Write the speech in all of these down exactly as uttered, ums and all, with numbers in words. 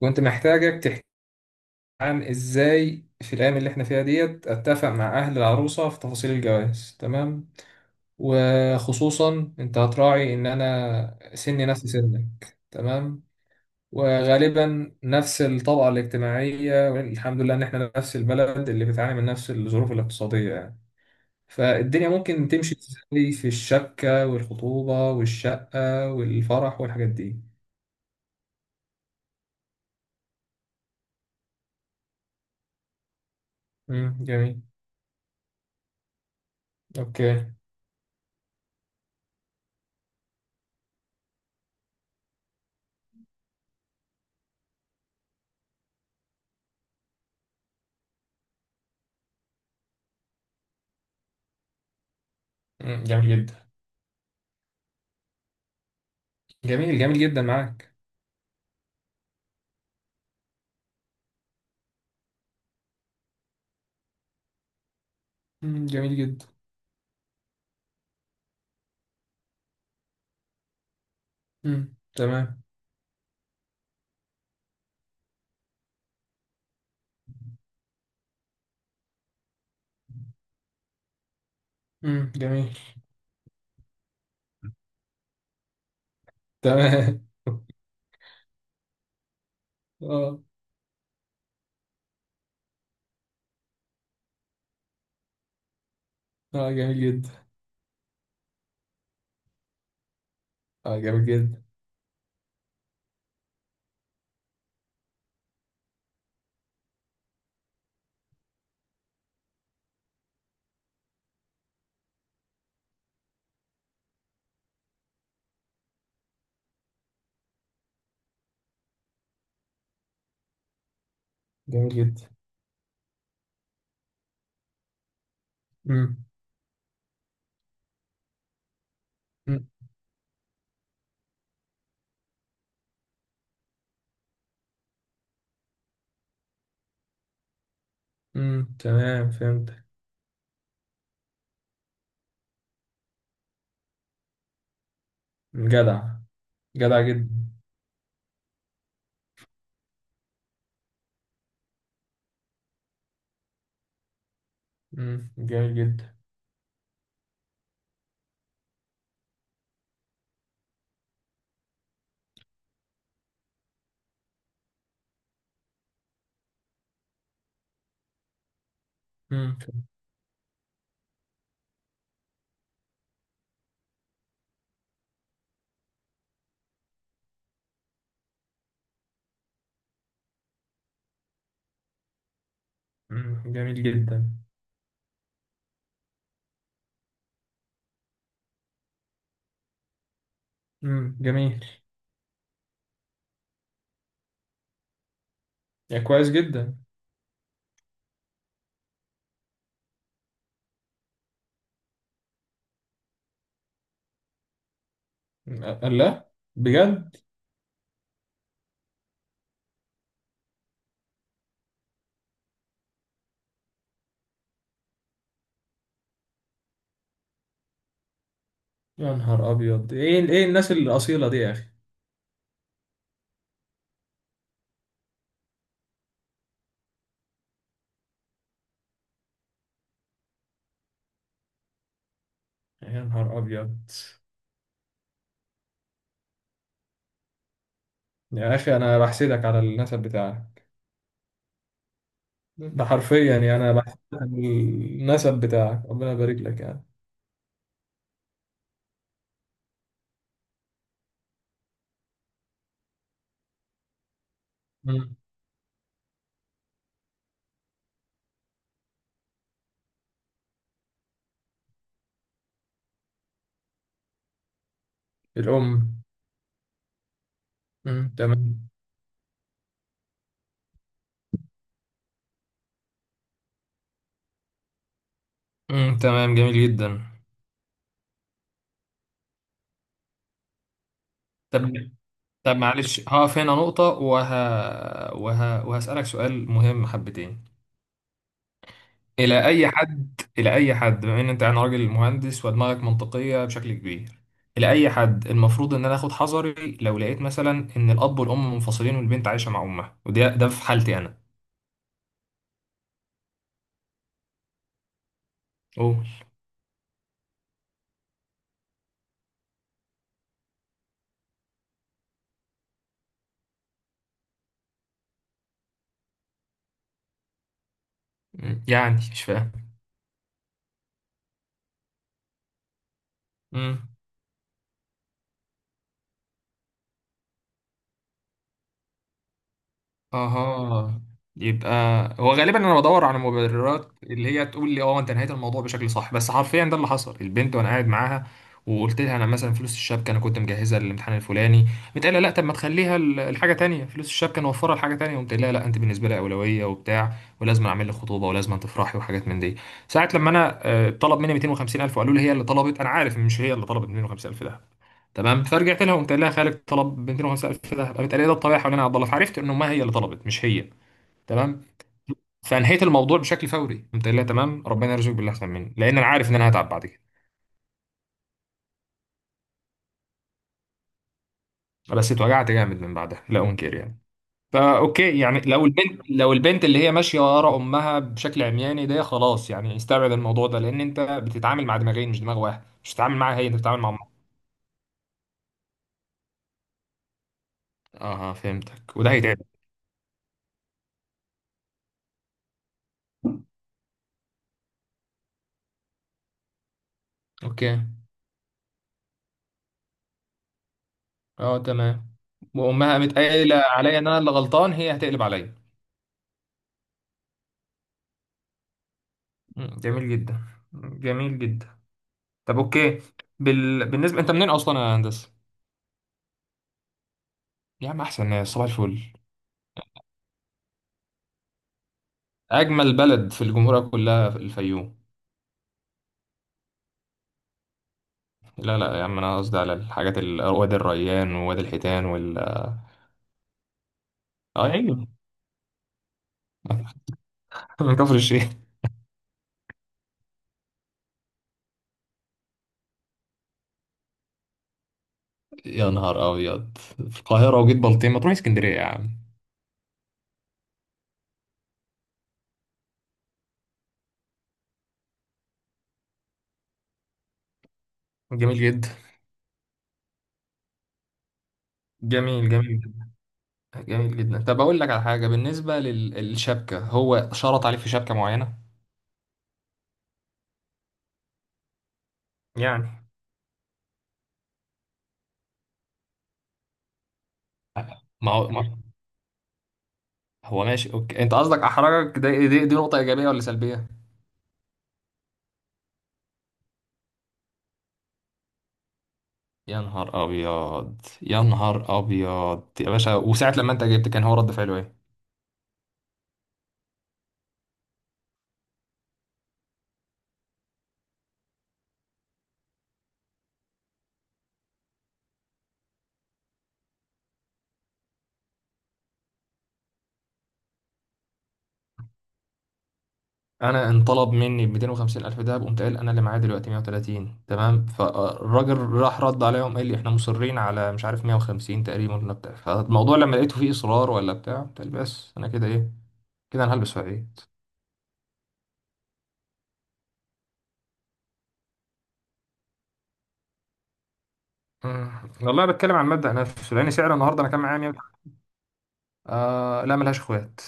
كنت محتاجك تحكي عن ازاي في الايام اللي احنا فيها ديت اتفق مع اهل العروسه في تفاصيل الجواز. تمام. وخصوصا انت هتراعي ان انا سني نفس سنك. تمام. وغالبا نفس الطبقه الاجتماعيه، والحمد لله ان احنا نفس البلد اللي بتعاني من نفس الظروف الاقتصاديه، يعني فالدنيا ممكن تمشي ازاي في الشبكه والخطوبه والشقه والفرح والحاجات دي. امم جميل. اوكي. مم، جميل جدا. جميل جميل جدا معاك. مم، جميل جدا. مم، تمام. مم، جميل. تمام اه. اه جميل جدا. اه جميل جدا. جميل جدا. مم. مم. مم، تمام، فهمت. جدع. جدع جدا. مم، جميل جدا. مم. مم، جميل جدا. مم، جميل. يعني كويس جدا. مم، الله، بجد. يا نهار ابيض، ايه ايه الناس الاصيله دي يا اخي. يا نهار ابيض. يا اخي انا بحسدك على النسب بتاعك. ده حرفيا يعني انا بحس. النسب بتاعك، ربنا يبارك لك يعني. مم. الام. مم. تمام. مم. تمام، جميل جدا. طب، طب معلش هقف هنا نقطة، وه... وه... وهسألك سؤال مهم حبتين. إلى أي حد إلى أي حد بما إن أنت يعني راجل مهندس ودماغك منطقية بشكل كبير، إلى أي حد المفروض إن أنا آخد حذري لو لقيت مثلا إن الأب والأم منفصلين والبنت عايشة مع أمها؟ وده ده في حالتي أنا. أوه. مم. يعني مش فاهم. مم. اها. يبقى، هو غالبا انا بدور على مبررات اللي هي تقول لي اه انت نهيت الموضوع بشكل صح، بس حرفيا ده اللي حصل. البنت وانا قاعد معاها وقلت لها انا مثلا فلوس الشبكه انا كنت مجهزها للامتحان الفلاني، بتقول لا طب ما تخليها ال- الحاجه تانية، فلوس الشبكه نوفرها لحاجه تانية. قمت قايل لها لا انت بالنسبه لي اولويه وبتاع، ولازم اعمل لك خطوبه ولازم تفرحي وحاجات من دي. ساعه لما انا آه، طلب مني مئتين وخمسين ألف وقالوا لي هي اللي طلبت، انا عارف إن مش هي اللي طلبت مئتين وخمسين ألف ده. تمام، فرجعت لها وقمت قايل لها خالد طلب مئتين وخمسين ألف ذهب، قامت قايله لي ده الطبيعي حوالين عبد الله، فعرفت انه ما هي اللي طلبت، مش هي. تمام. فانهيت الموضوع بشكل فوري، قمت قايل لها تمام ربنا يرزقك باللي احسن مني، لان انا عارف ان انا هتعب بعد كده. بس اتوجعت جامد من بعدها لا انكر يعني. فا اوكي، يعني لو البنت لو البنت اللي هي ماشيه ورا امها بشكل عمياني، ده خلاص يعني استبعد الموضوع ده، لان انت بتتعامل مع دماغين مش دماغ واحد، مش بتتعامل معاها هي، انت بتتعامل مع امها. اه فهمتك، وده هيتعب. اوكي. اه تمام. وامها قامت قايله عليا ان انا اللي غلطان، هي هتقلب عليا. مم. جميل جدا. جميل جدا. طب اوكي، بال... بالنسبه انت منين اصلا يا هندسه؟ يا عم احسن، يا صباح الفل. اجمل بلد في الجمهوريه كلها في الفيوم. لا لا يا عم، انا قصدي على الحاجات ال... وادي الريان ووادي الحيتان وال... اه ايوه. من كفر الشيخ. يا نهار ابيض، في القاهره وجيت بلطيم؟ ما تروح اسكندريه يا عم. جميل جدا. جميل جميل جدا. جميل جدا. طب اقول لك على حاجه، بالنسبه للشبكه، هو شرط عليك في شبكه معينه يعني؟ ما هو. هو ماشي اوكي، انت قصدك احرجك ده، دي, دي نقطة ايجابية ولا سلبية؟ يا نهار ابيض. يا نهار ابيض يا باشا. وساعة لما انت جبت، كان هو رد فعله ايه؟ انا انطلب مني ب مئتين وخمسين الف دهب، قمت قايل انا اللي معايا دلوقتي مية وتلاتين. تمام. فالراجل راح رد عليهم قال لي احنا مصرين على مش عارف مية وخمسين تقريبا ولا بتاع. فالموضوع لما لقيته فيه اصرار ولا بتاع، قلت بس انا كده ايه، كده انا هلبس في عيد. مم. والله بتكلم عن مبدأ نفسه، لان سعر النهارده انا كان معايا مية. آه لا، ملهاش اخوات.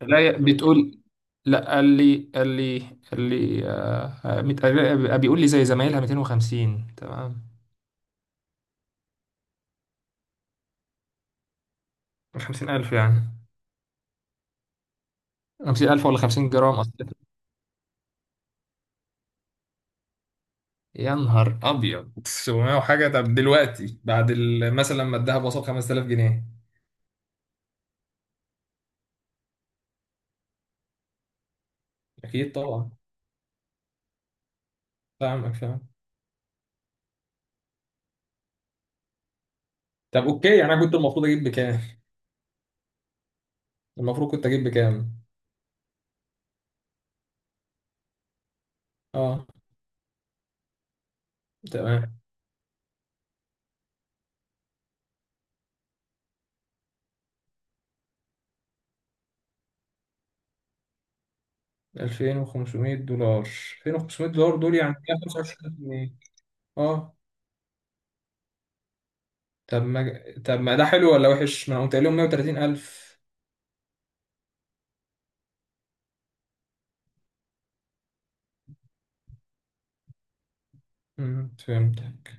لا ي- بتقول لا. قال لي قال لي قال لي آه آه، ميت- آه، بيقول لي زي زمايلها مئتين وخمسين. تمام. خمسين ألف يعني؟ خمسين ألف ولا خمسين جرام اصلا؟ يا نهار ابيض، سبعمية وحاجه؟ طب دلوقتي بعد ال- مثلا لما الدهب وصل خمس تلاف جنيه. اكيد طبعا. فاهمك، فاهم. طب اوكي، يعني انا كنت المفروض اجيب بكام؟ المفروض كنت اجيب بكام؟ اه تمام. ألفين وخمسمية دولار؟ ألفين وخمسمية دولار دول يعني مية وخمسة وعشرين جنيه؟ اه. طب ما طب ما ده حلو ولا وحش؟ ما انا قلت لهم مية وتلاتين ألف. مم، فهمتك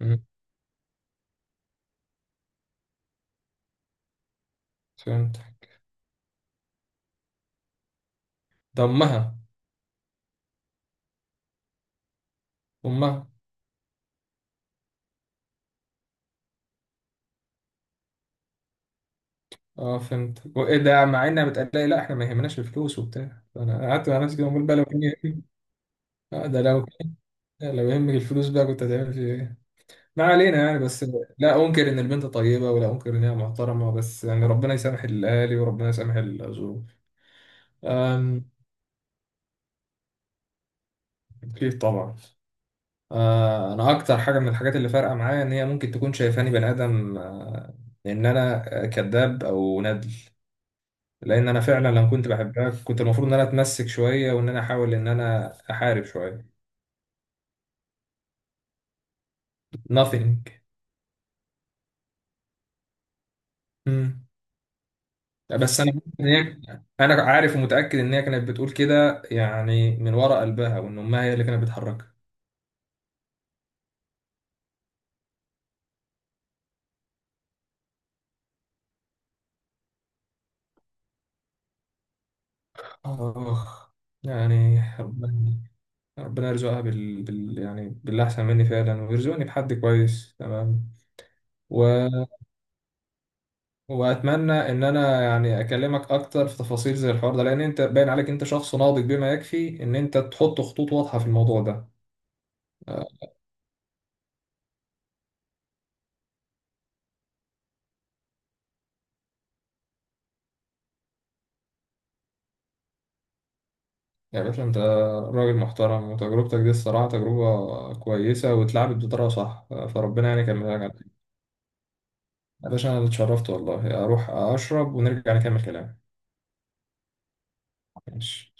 مم، فهمتك ده أمها. أمها. اه فهمت. وإيه ده مع إنها بتقلقي لا إحنا ما يهمناش الفلوس وبتاع؟ أنا قعدت مع نفسي كده بقول بقى لو كان يهم-. آه، ده لو كان. لو يهمك الفلوس بقى كنت هتعمل فيه إيه؟ ما علينا يعني، بس. لا أنكر إن البنت طيبة، ولا أنكر إنها محترمة، بس يعني ربنا يسامح الأهالي وربنا يسامح الظروف. أم. أكيد طبعا. آه، انا اكتر حاجه من الحاجات اللي فارقه معايا ان هي ممكن تكون شايفاني بني ادم، آه، ان انا آه، كذاب او ندل. لان انا فعلا لما كنت بحبها، كنت المفروض ان انا اتمسك شويه وان انا احاول ان انا احارب شويه. nothing. مم. بس انا إن هي-. انا عارف ومتاكد ان هي كانت بتقول كده يعني من وراء قلبها، وان امها هي اللي كانت بتحركها. اخ. يعني ربنا، ربنا يرزقها بال... بال... يعني باللي احسن مني فعلا، ويرزقني بحد كويس. تمام. و... واتمنى ان انا يعني اكلمك اكتر في تفاصيل زي الحوار ده، لان انت باين عليك انت شخص ناضج بما يكفي ان انت تحط خطوط واضحه في الموضوع ده. آه، يا باشا انت راجل محترم، وتجربتك دي الصراحه تجربه كويسه واتلعبت بطريقه صح، آه، فربنا يعني يكملها لك على خير. يا باشا انا اتشرفت والله، اروح اشرب ونرجع نكمل كلام. ماشي.